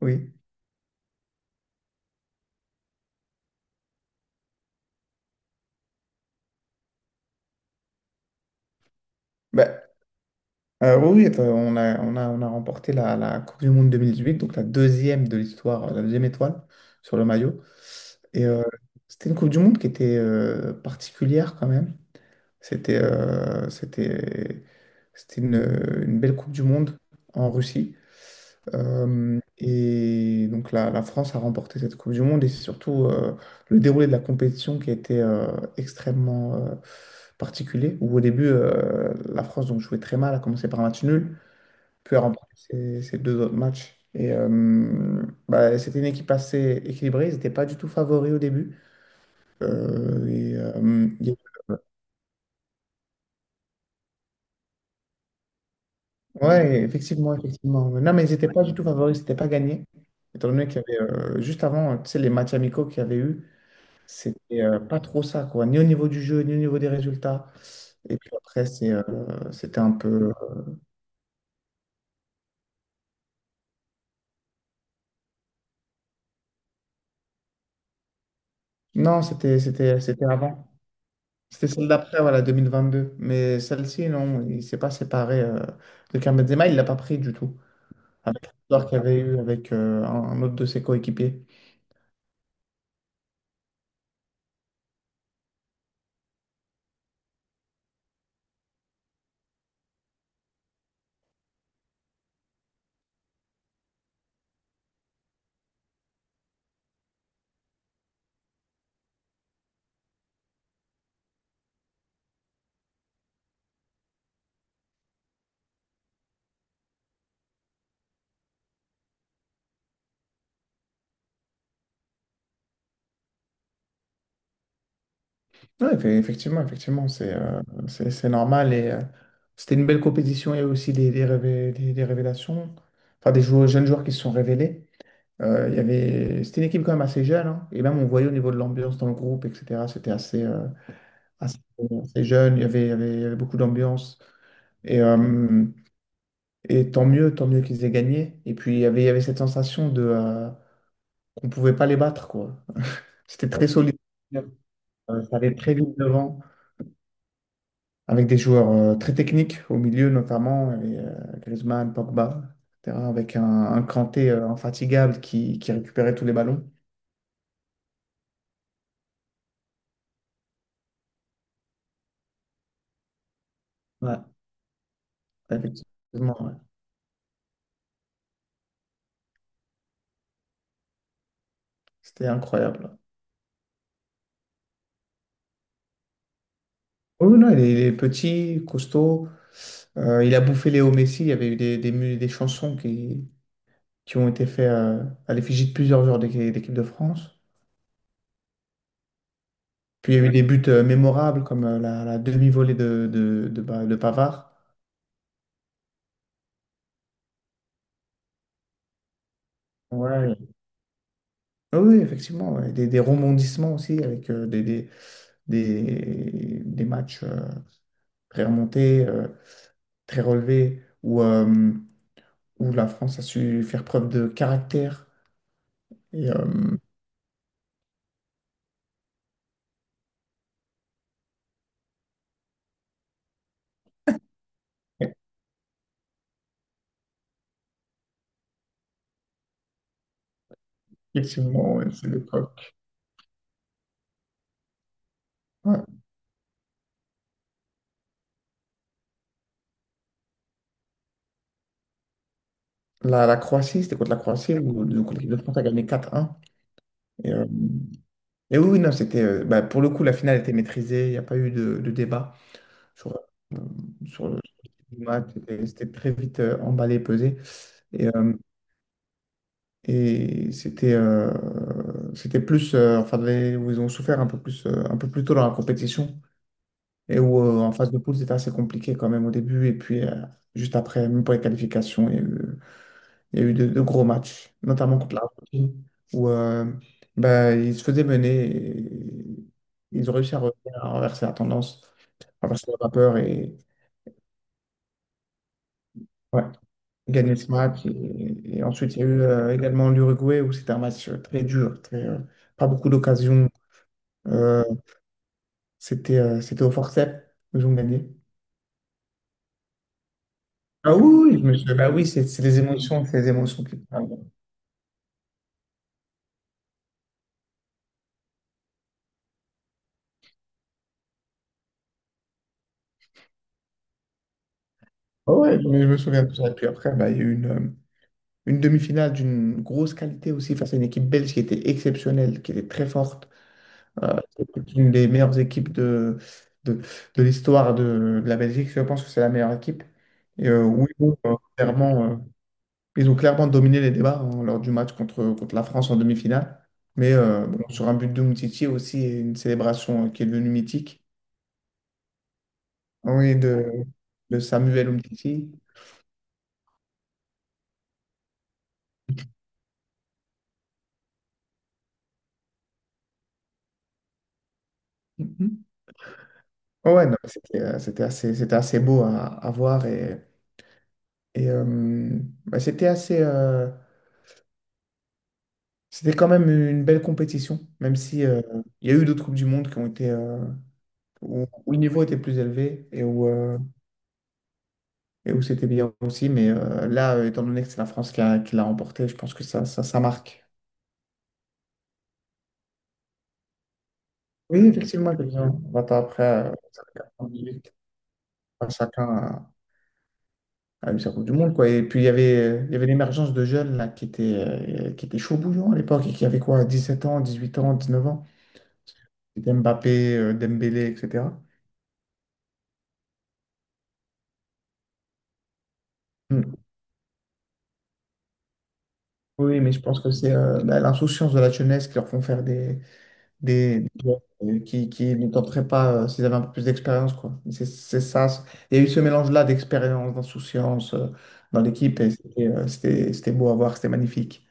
Oui. Ben, oui, oui, enfin, on a remporté la Coupe du Monde 2008, donc la deuxième de l'histoire, la deuxième étoile sur le maillot. Et c'était une Coupe du Monde qui était particulière quand même. C'était euh, c'était, c'était une belle Coupe du Monde en Russie. Et donc la France a remporté cette Coupe du Monde et c'est surtout le déroulé de la compétition qui a été extrêmement particulier, où au début la France donc, jouait très mal, a commencé par un match nul, puis a remporté ses deux autres matchs. Et bah, c'était une équipe assez équilibrée, ils n'étaient pas du tout favoris au début. Euh, et, euh, il y a- Ouais, effectivement, effectivement. Non, mais ils n'étaient pas du tout favoris, c'était pas gagné. Étant donné qu'il y avait juste avant, tu sais, les matchs amicaux qu'il y avait eu. C'était pas trop ça, quoi, ni au niveau du jeu, ni au niveau des résultats. Et puis après, c'était un peu. Non, c'était avant. C'était celle d'après, voilà, 2022. Mais celle-ci, non, il s'est pas séparé de Karim Benzema, il l'a pas pris du tout. Avec l'histoire qu'il y avait eu avec un autre de ses coéquipiers. Oui, effectivement, effectivement, c'est normal. Et c'était une belle compétition. Il y a eu aussi des révélations, enfin des joueurs, jeunes joueurs qui se sont révélés. C'était une équipe quand même assez jeune, hein. Et même on voyait au niveau de l'ambiance dans le groupe, etc. C'était assez, euh, assez, assez jeune, il y avait, il y avait, il y avait beaucoup d'ambiance. Et, euh, et tant mieux qu'ils aient gagné. Et puis il y avait cette sensation de, qu'on ne pouvait pas les battre, quoi. C'était très solide. Ça allait très vite devant, avec des joueurs très techniques au milieu notamment, il y avait, Griezmann, Pogba, etc. Avec un Kanté infatigable qui récupérait tous les ballons. Ouais, effectivement. Ouais. C'était incroyable. Oh, oui, non, il est petit, costaud. Il a bouffé Léo Messi. Il y avait eu des chansons qui ont été faites à l'effigie de plusieurs joueurs d'équipe de France. Puis il y a eu des buts mémorables comme la demi-volée de Pavard. Ouais. Ah, oui, effectivement. Ouais. Des rebondissements aussi avec des matchs très remontés, très relevés, où la France a su faire preuve de caractère. Et, euh, Effectivement, ouais, c'est l'époque. Ouais. La Croatie, c'était contre la Croatie où donc, l'équipe de France a gagné 4-1. Et, euh, et oui, oui, non, c'était. Bah, pour le coup, la finale était maîtrisée, il n'y a pas eu de débat sur, euh, sur le du match. C'était très vite emballé, pesé. Et, euh, et c'était plus. Enfin, où ils ont souffert un peu plus tôt dans la compétition. Et où en phase de poule, c'était assez compliqué quand même au début. Et puis, juste après, même pour les qualifications, Il y a eu de gros matchs, notamment contre l'Argentine, où bah, ils se faisaient mener et ils ont réussi à, revenir, à renverser la tendance, à renverser la vapeur et ouais, gagner ce match. Et ensuite, il y a eu également l'Uruguay où c'était un match très dur, pas beaucoup d'occasions. Euh, c'était au forceps, ils ont gagné. Ah oui, oui, je me souviens. Bah oui, c'est les émotions, c'est les émotions qui parlent. Ah ouais, je me souviens de ça. Et puis après, bah, il y a eu une demi-finale d'une grosse qualité aussi face à une équipe belge qui était exceptionnelle, qui était très forte. C'est une des meilleures équipes de, de l'histoire de la Belgique. Je pense que c'est la meilleure équipe. Et oui, bon, clairement, ils ont clairement dominé les débats hein, lors du match contre la France en demi-finale. Mais bon, sur un but de Umtiti aussi, et une célébration qui est devenue mythique. Ah, oui, de Samuel Umtiti. Mhm. Ouais, non, c'était assez beau à voir. Et Et euh, bah, c'était quand même une belle compétition, même si il y a eu d'autres coupes du monde qui ont été où le niveau était plus élevé et où c'était bien aussi. Mais là, étant donné que c'est la France qui l'a remporté, je pense que ça marque. Oui, effectivement, effectivement. 20 ans après, 98, enfin, chacun a eu sa Coupe du Monde, quoi. Et puis il y avait l'émergence de jeunes là qui étaient chauds bouillants à l'époque et qui avaient quoi, 17 ans, 18 ans, 19 ans. Mbappé, Dembélé, etc. Mm. Oui, mais je pense que c'est bah, l'insouciance de la jeunesse qui leur font faire des, des joueurs, qui ne tenteraient pas s'ils avaient un peu plus d'expérience, quoi. C'est ça. Il y a eu ce mélange-là d'expérience, d'insouciance dans l'équipe et c'était beau à voir, c'était magnifique.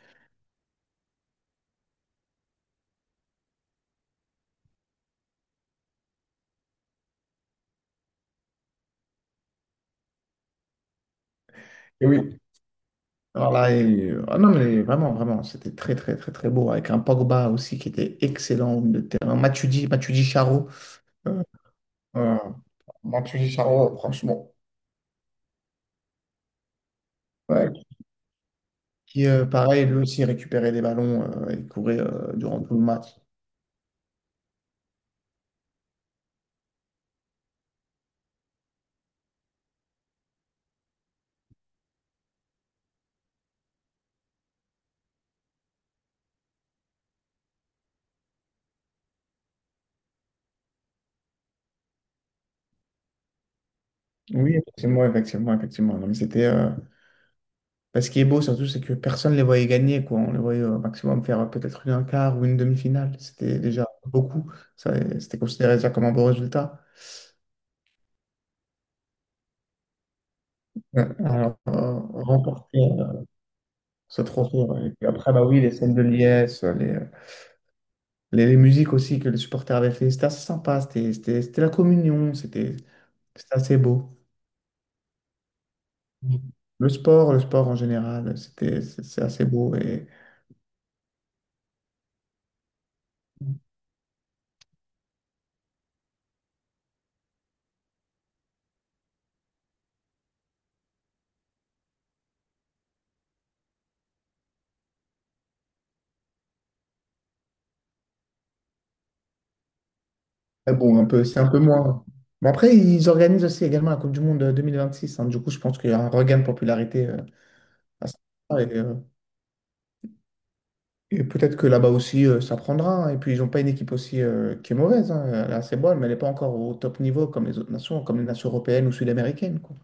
Et oui. Alors là, ah non, mais vraiment, vraiment, c'était très, très, très, très beau avec un Pogba aussi qui était excellent au milieu de terrain. Matuidi, Matuidi Charo. Euh, euh, Matuidi Charo, franchement. Ouais, pareil, lui aussi récupérait des ballons et courait durant tout le match. Oui, effectivement, effectivement, effectivement. Non, mais bah, ce qui est beau surtout, c'est que personne ne les voyait gagner, quoi. On les voyait au maximum faire peut-être une un quart ou une demi-finale. C'était déjà beaucoup. Ça, C'était considéré déjà comme un beau résultat. Ouais. Alors, remporter ce trophée. Ouais. Et puis après, bah oui, les scènes de liesse, les musiques aussi que les supporters avaient fait, c'était assez sympa. C'était la communion, c'était assez beau. Le sport en général, c'est assez beau et mais bon, un peu, c'est un peu moins. Mais après, ils organisent aussi également la Coupe du Monde 2026. Hein. Du coup, je pense qu'il y a un regain de popularité à ce moment-là. Et peut-être que là-bas aussi, ça prendra. Hein. Et puis, ils n'ont pas une équipe aussi qui est mauvaise. Hein. Elle est assez bonne, mais elle n'est pas encore au top niveau comme les autres nations, comme les nations européennes ou sud-américaines, quoi.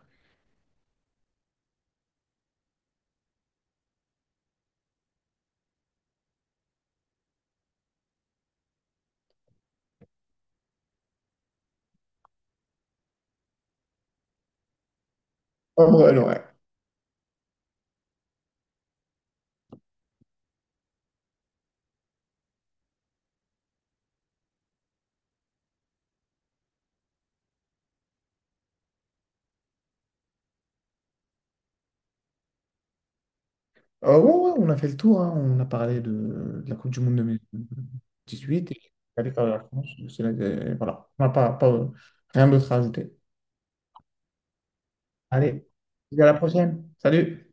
Oh, ouais, non, ouais. Ouais, ouais, on a fait le tour, hein. On a parlé de la Coupe du Monde 2018 et allez faire la France. Voilà, on n'a pas, rien d'autre à ajouter. Allez, à la prochaine. Salut!